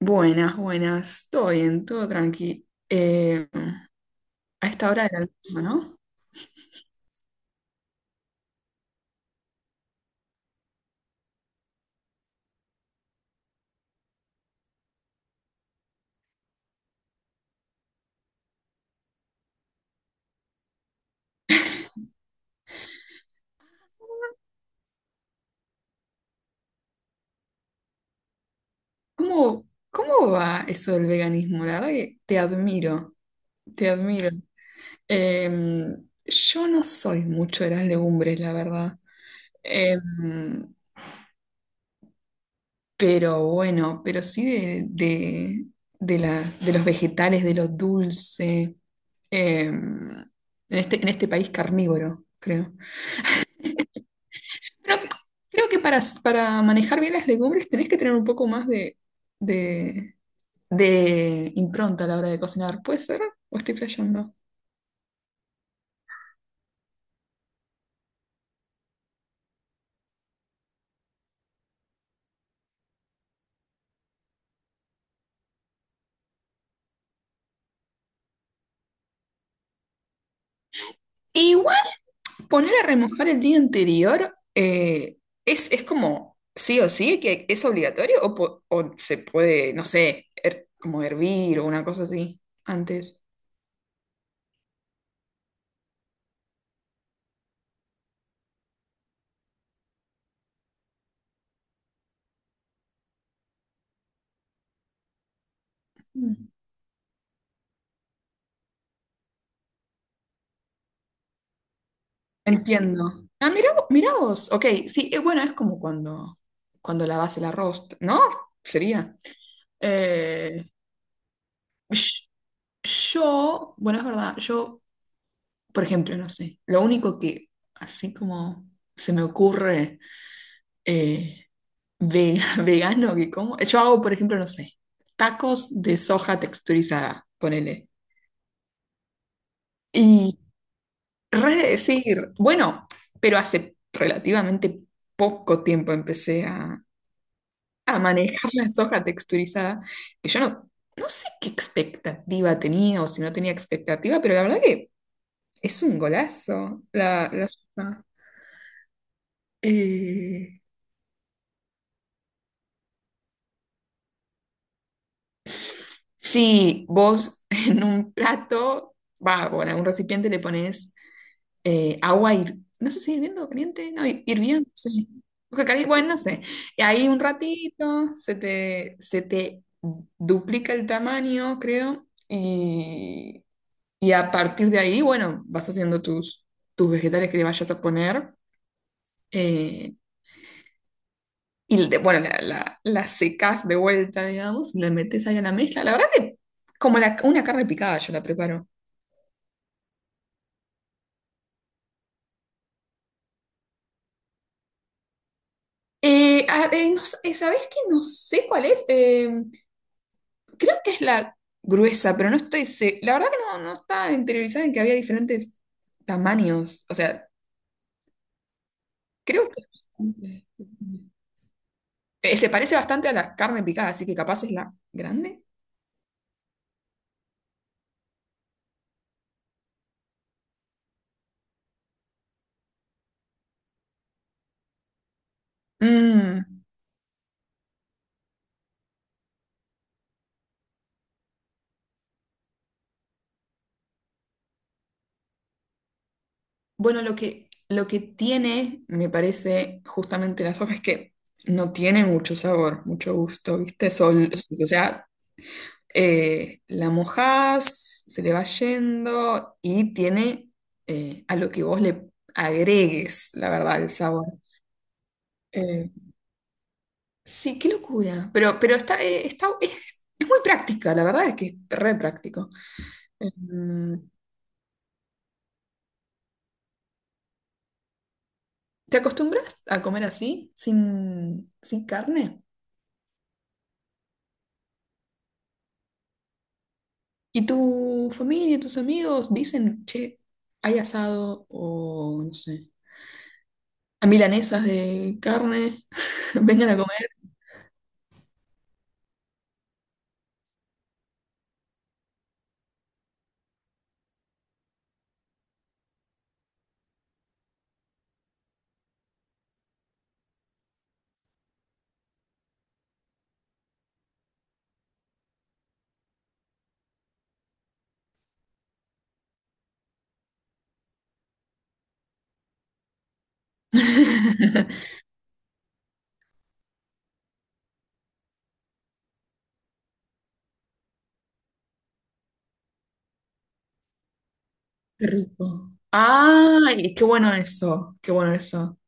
Buenas, buenas. Todo bien, todo tranqui. A esta hora del almuerzo, ¿no? ¿Cómo va eso del veganismo? La verdad que te admiro, te admiro. Eh, yo no soy mucho de las legumbres, la verdad. Eh, pero bueno, pero sí de los vegetales, de lo dulce. Eh, en en este país carnívoro, creo. Pero creo que para manejar bien las legumbres tenés que tener un poco más de, de impronta a la hora de cocinar. ¿Puede ser? ¿O estoy flasheando? E igual poner a remojar el día anterior es como sí o sí, que es obligatorio o se puede, no sé, como hervir o una cosa así antes. Mm. Entiendo. Ah, mirá, mirá vos. Ok, sí, bueno, es como cuando lavas el arroz, ¿no? Sería. Eh, Sh- bueno, es verdad, yo, por ejemplo, no sé, lo único que así como se me ocurre eh, vegano que como, yo hago, por ejemplo, no sé, tacos de soja texturizada, ponele. Y re decir, bueno, pero hace relativamente poco tiempo empecé a manejar la soja texturizada, que yo no, no sé qué expectativa tenía o si no tenía expectativa, pero la verdad que... Es un golazo la sopa. Eh, si vos en un plato, va, bueno, en un recipiente le pones agua, no sé si hirviendo o caliente, no, hirviendo, sí. Porque bueno, no sé. Y ahí un ratito se te duplica el tamaño, creo, y a partir de ahí, bueno, vas haciendo tus vegetales que le vayas a poner. Eh, bueno, la secas de vuelta, digamos, y la metes ahí a la mezcla. La verdad que como una carne picada yo la preparo. No sé, ¿sabés que no sé cuál es? Creo que es la gruesa, pero no estoy... La verdad que no, no está interiorizada en que había diferentes tamaños. O sea, creo que... Se parece bastante a la carne picada, así que capaz es la grande. Mm. Bueno, lo que tiene, me parece, justamente la soja es que no tiene mucho sabor, mucho gusto, ¿viste? O sea, la mojás, se le va yendo y tiene, a lo que vos le agregues, la verdad, el sabor. Eh, sí, qué locura. Pero está, es muy práctica, la verdad es que es re práctico. Em, ¿Te acostumbras a comer así, sin carne? ¿Y tu familia, tus amigos dicen, che, hay asado o, no sé, a milanesas de carne, vengan a comer? Qué rico. ¡Ay, qué bueno eso! ¡Qué bueno eso!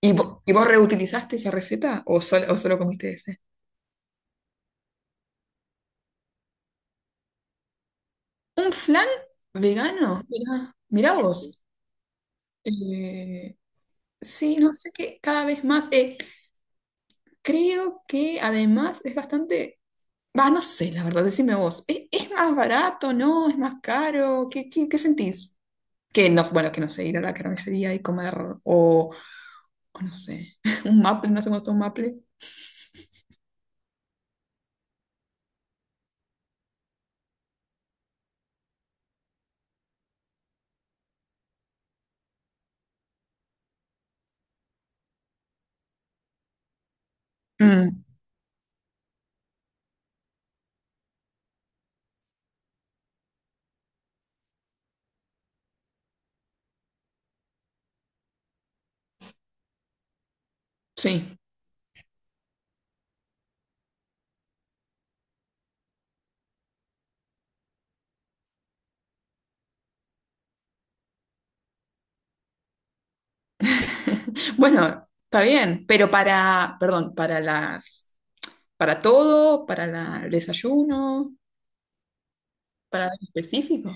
¿Y, y vos reutilizaste esa receta o solo o solo comiste ese? ¿Un flan vegano? Mirá, mirá vos. Eh, sí, no sé qué, cada vez más. Creo que además es bastante. Va, no sé, la verdad, decime vos. Es más barato, no? ¿Es más caro? Qué sentís? Que no, bueno, que no sé, ir a la carnicería y comer, o, o no sé, un maple, no sé cómo está un maple. Mm, sí. Bueno, está bien, pero para, perdón, para las, para todo, para el desayuno, para algo específico.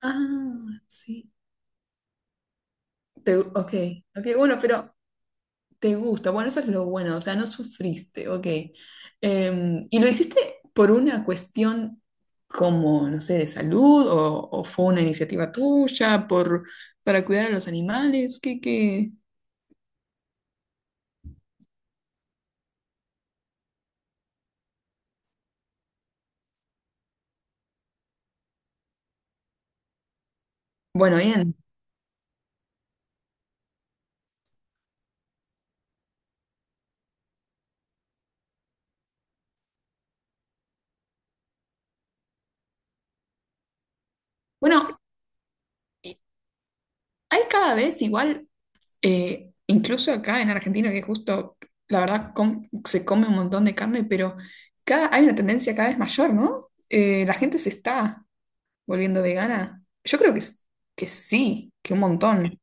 Ah, sí. Ok, ok, bueno, pero te gusta, bueno, eso es lo bueno, o sea, no sufriste, ok. ¿Y lo hiciste por una cuestión como, no sé, de salud o fue una iniciativa tuya por, para cuidar a los animales? ¿Qué, qué? Bueno, bien. Bueno, y hay cada vez igual, incluso acá en Argentina, que justo, la verdad, se come un montón de carne, pero cada, hay una tendencia cada vez mayor, ¿no? ¿La gente se está volviendo vegana? Yo creo que, que sí, que un montón.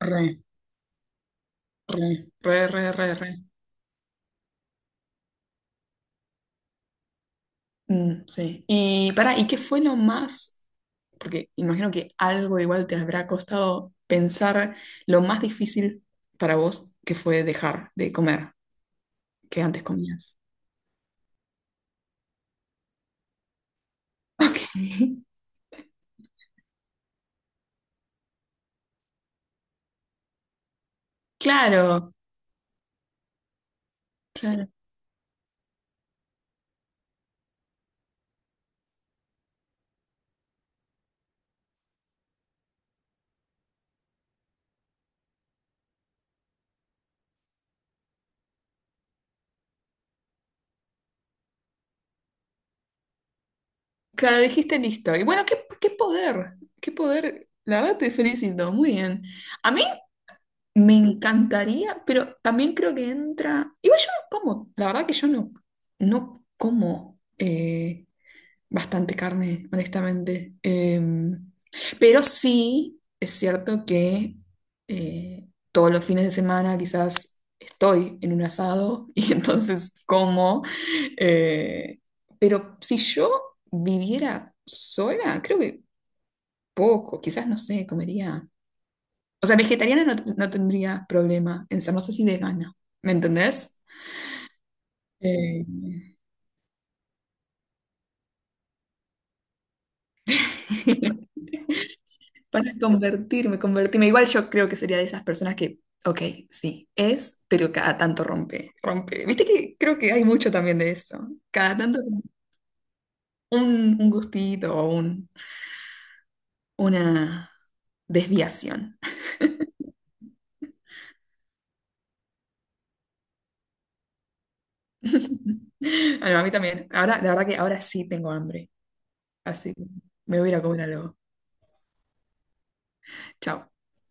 Re, re, re, re, re, re. Mm, sí. Y para, ¿y qué fue lo más? Porque imagino que algo igual te habrá costado pensar lo más difícil para vos que fue dejar de comer que antes comías. Ok. Claro, claro. Claro, dijiste listo. Y bueno, qué, qué poder, qué poder. La verdad te felicito, muy bien. A mí me encantaría, pero también creo que entra. Igual yo no como, la verdad que yo no, no como bastante carne, honestamente. Pero sí es cierto que todos los fines de semana quizás estoy en un asado y entonces como. eh, pero si yo viviera sola, creo que poco, quizás no sé, comería. O sea, vegetariana no, no tendría problema en ser, no sé si vegana, ¿me entendés? Eh, Para convertirme, convertirme. Igual yo creo que sería de esas personas que, ok, sí, es, pero cada tanto rompe, rompe. Viste que creo que hay mucho también de eso. Cada tanto como un gustito o un, una desviación. Ah, no, a mí también. Ahora, la verdad que ahora sí tengo hambre, así que me voy a ir a comer algo. Chao.